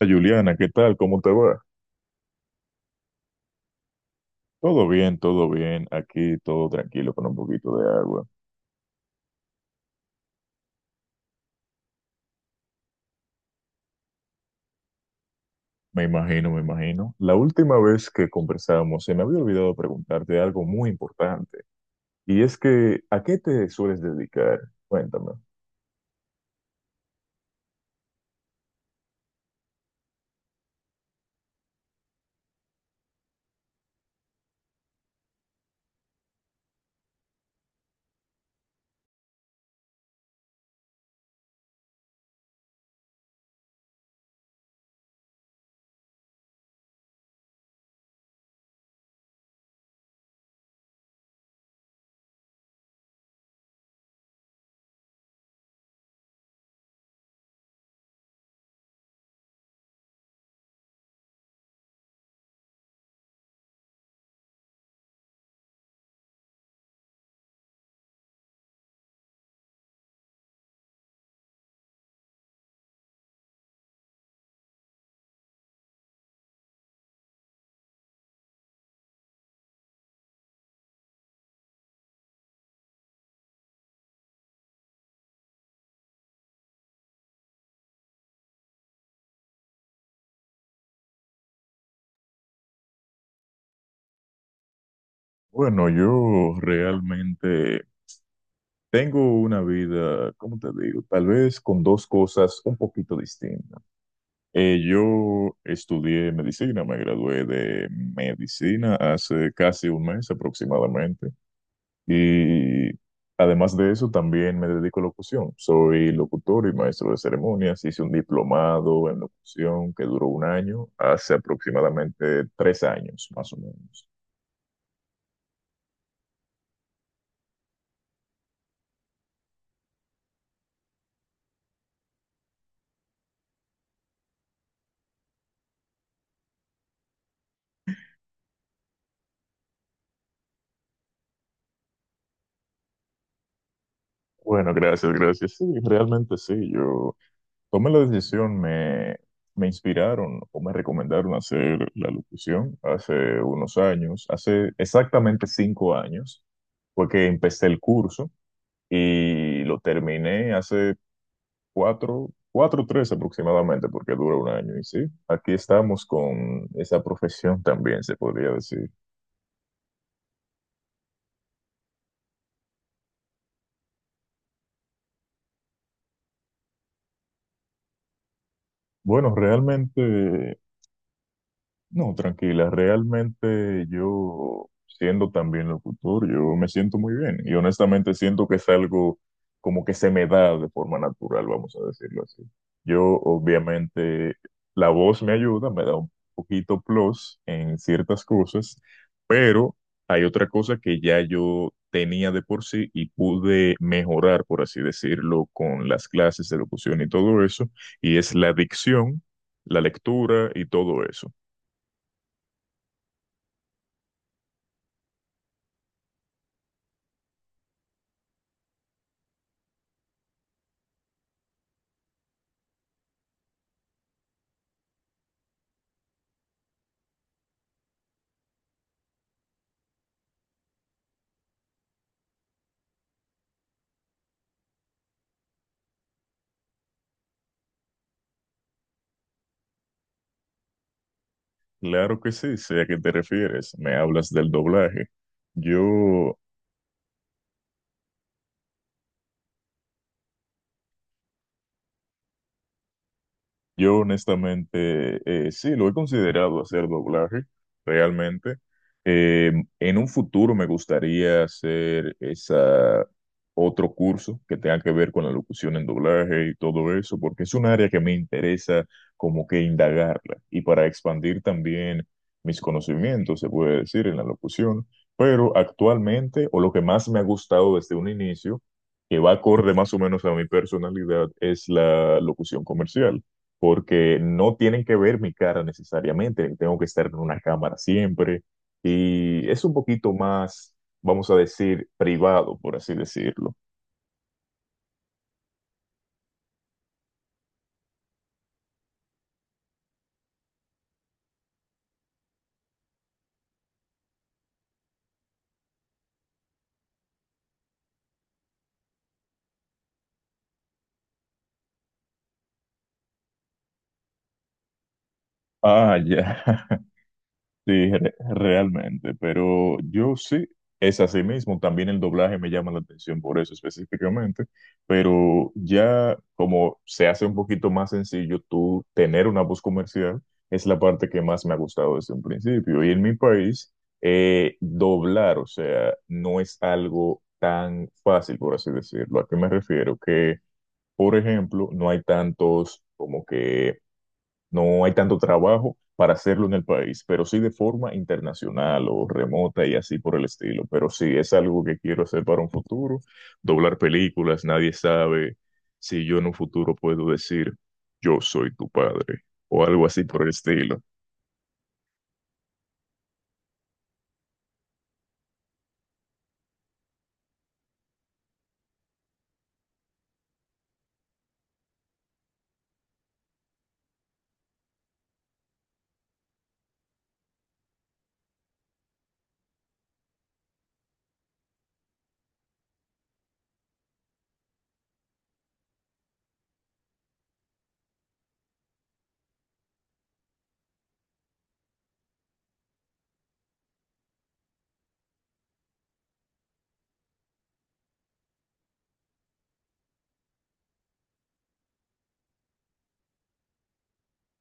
Juliana, ¿qué tal? ¿Cómo te va? Todo bien, todo bien. Aquí todo tranquilo con un poquito de agua. Me imagino, me imagino. La última vez que conversamos se me había olvidado preguntarte algo muy importante. Y es que, ¿a qué te sueles dedicar? Cuéntame. Bueno, yo realmente tengo una vida, ¿cómo te digo? Tal vez con dos cosas un poquito distintas. Yo estudié medicina, me gradué de medicina hace casi un mes aproximadamente. Y además de eso, también me dedico a locución. Soy locutor y maestro de ceremonias. Hice un diplomado en locución que duró un año, hace aproximadamente 3 años, más o menos. Bueno, gracias, gracias. Sí, realmente sí. Yo tomé la decisión, me inspiraron o me recomendaron hacer la locución hace unos años, hace exactamente 5 años, fue que empecé el curso y lo terminé hace cuatro o tres aproximadamente, porque dura un año. Y sí, aquí estamos con esa profesión también, se podría decir. Bueno, realmente. No, tranquila, realmente yo, siendo también locutor, yo me siento muy bien y honestamente siento que es algo como que se me da de forma natural, vamos a decirlo así. Yo obviamente la voz me ayuda, me da un poquito plus en ciertas cosas, pero hay otra cosa que ya yo tenía de por sí y pude mejorar, por así decirlo, con las clases de locución y todo eso, y es la dicción, la lectura y todo eso. Claro que sí, sé a qué te refieres. Me hablas del doblaje. Yo Yo honestamente sí, lo he considerado hacer doblaje, realmente. Eh, en un futuro me gustaría hacer esa otro curso que tenga que ver con la locución en doblaje y todo eso, porque es un área que me interesa como que indagarla y para expandir también mis conocimientos, se puede decir, en la locución. Pero actualmente, o lo que más me ha gustado desde un inicio, que va acorde más o menos a mi personalidad, es la locución comercial porque no tienen que ver mi cara necesariamente, tengo que estar en una cámara siempre y es un poquito más, vamos a decir, privado, por así decirlo. Ah, ya. Sí, realmente, pero yo sí, es así mismo, también el doblaje me llama la atención por eso específicamente, pero ya como se hace un poquito más sencillo tú tener una voz comercial, es la parte que más me ha gustado desde un principio. Y en mi país, doblar, o sea, no es algo tan fácil, por así decirlo. ¿A qué me refiero? Que, por ejemplo, no hay tantos como que no hay tanto trabajo para hacerlo en el país, pero sí de forma internacional o remota y así por el estilo. Pero sí, es algo que quiero hacer para un futuro. Doblar películas, nadie sabe si yo en un futuro puedo decir, yo soy tu padre o algo así por el estilo.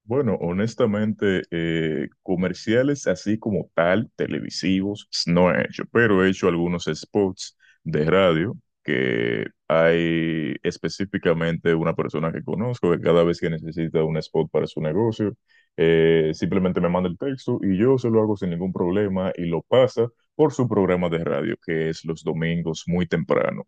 Bueno, honestamente, comerciales así como tal, televisivos, no he hecho, pero he hecho algunos spots de radio que hay específicamente una persona que conozco que cada vez que necesita un spot para su negocio, simplemente me manda el texto y yo se lo hago sin ningún problema y lo pasa por su programa de radio, que es los domingos muy temprano.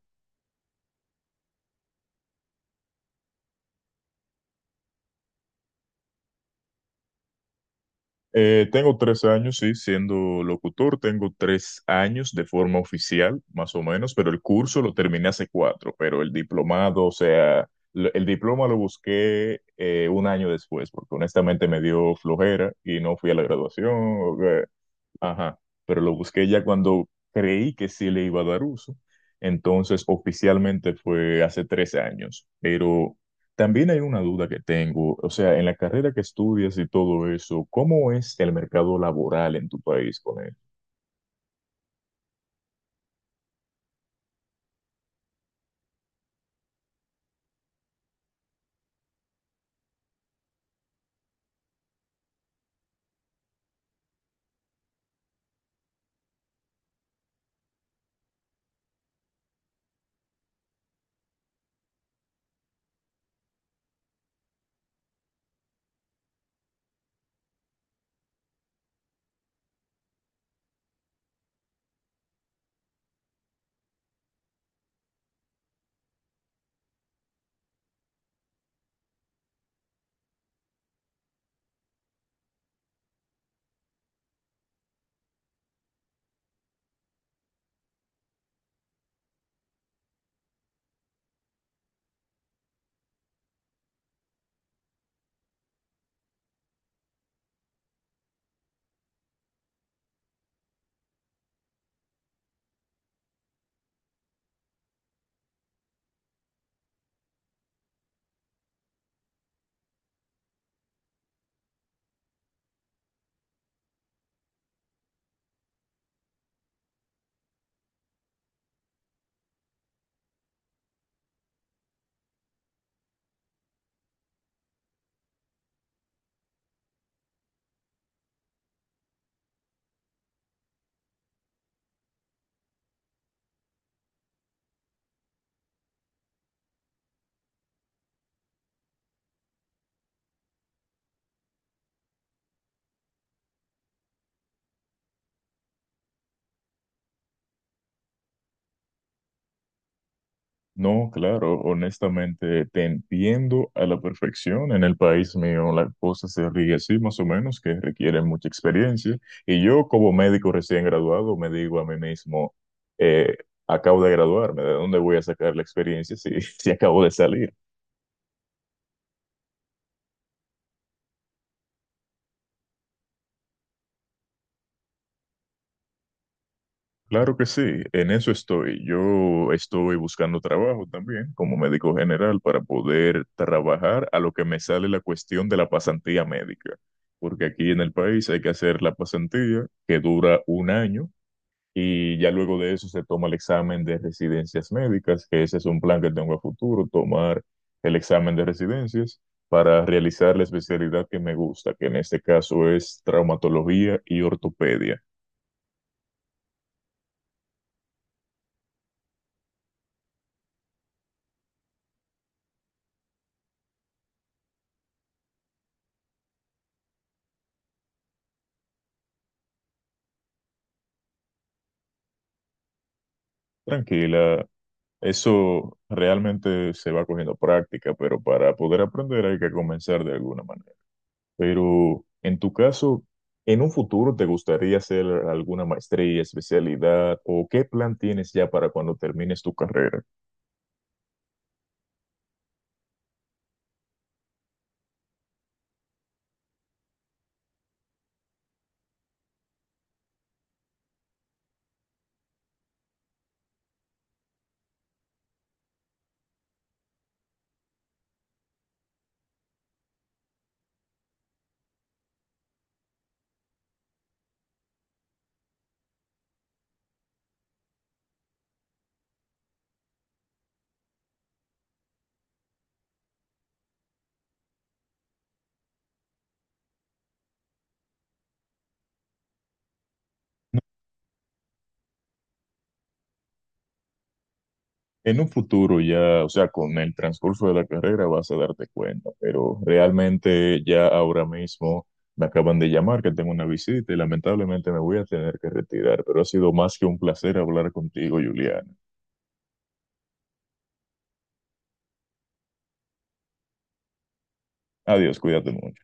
Tengo 3 años, sí, siendo locutor, tengo 3 años de forma oficial, más o menos, pero el curso lo terminé hace cuatro, pero el diplomado, o sea, el diploma lo busqué un año después, porque honestamente me dio flojera y no fui a la graduación. Ajá, pero lo busqué ya cuando creí que sí le iba a dar uso. Entonces, oficialmente fue hace 13 años, pero también hay una duda que tengo, o sea, en la carrera que estudias y todo eso, ¿cómo es el mercado laboral en tu país con... No, claro, honestamente te entiendo a la perfección. En el país mío la cosa se ríe así, más o menos, que requiere mucha experiencia. Y yo, como médico recién graduado, me digo a mí mismo, eh, acabo de graduarme, ¿de dónde voy a sacar la experiencia si, si acabo de salir? Claro que sí, en eso estoy. Yo estoy buscando trabajo también como médico general para poder trabajar a lo que me sale la cuestión de la pasantía médica, porque aquí en el país hay que hacer la pasantía que dura un año y ya luego de eso se toma el examen de residencias médicas, que ese es un plan que tengo a futuro, tomar el examen de residencias para realizar la especialidad que me gusta, que en este caso es traumatología y ortopedia. Tranquila, eso realmente se va cogiendo práctica, pero para poder aprender hay que comenzar de alguna manera. Pero en tu caso, ¿en un futuro te gustaría hacer alguna maestría, especialidad o qué plan tienes ya para cuando termines tu carrera? En un futuro ya, o sea, con el transcurso de la carrera vas a darte cuenta, pero realmente ya ahora mismo me acaban de llamar que tengo una visita y lamentablemente me voy a tener que retirar, pero ha sido más que un placer hablar contigo, Juliana. Adiós, cuídate mucho.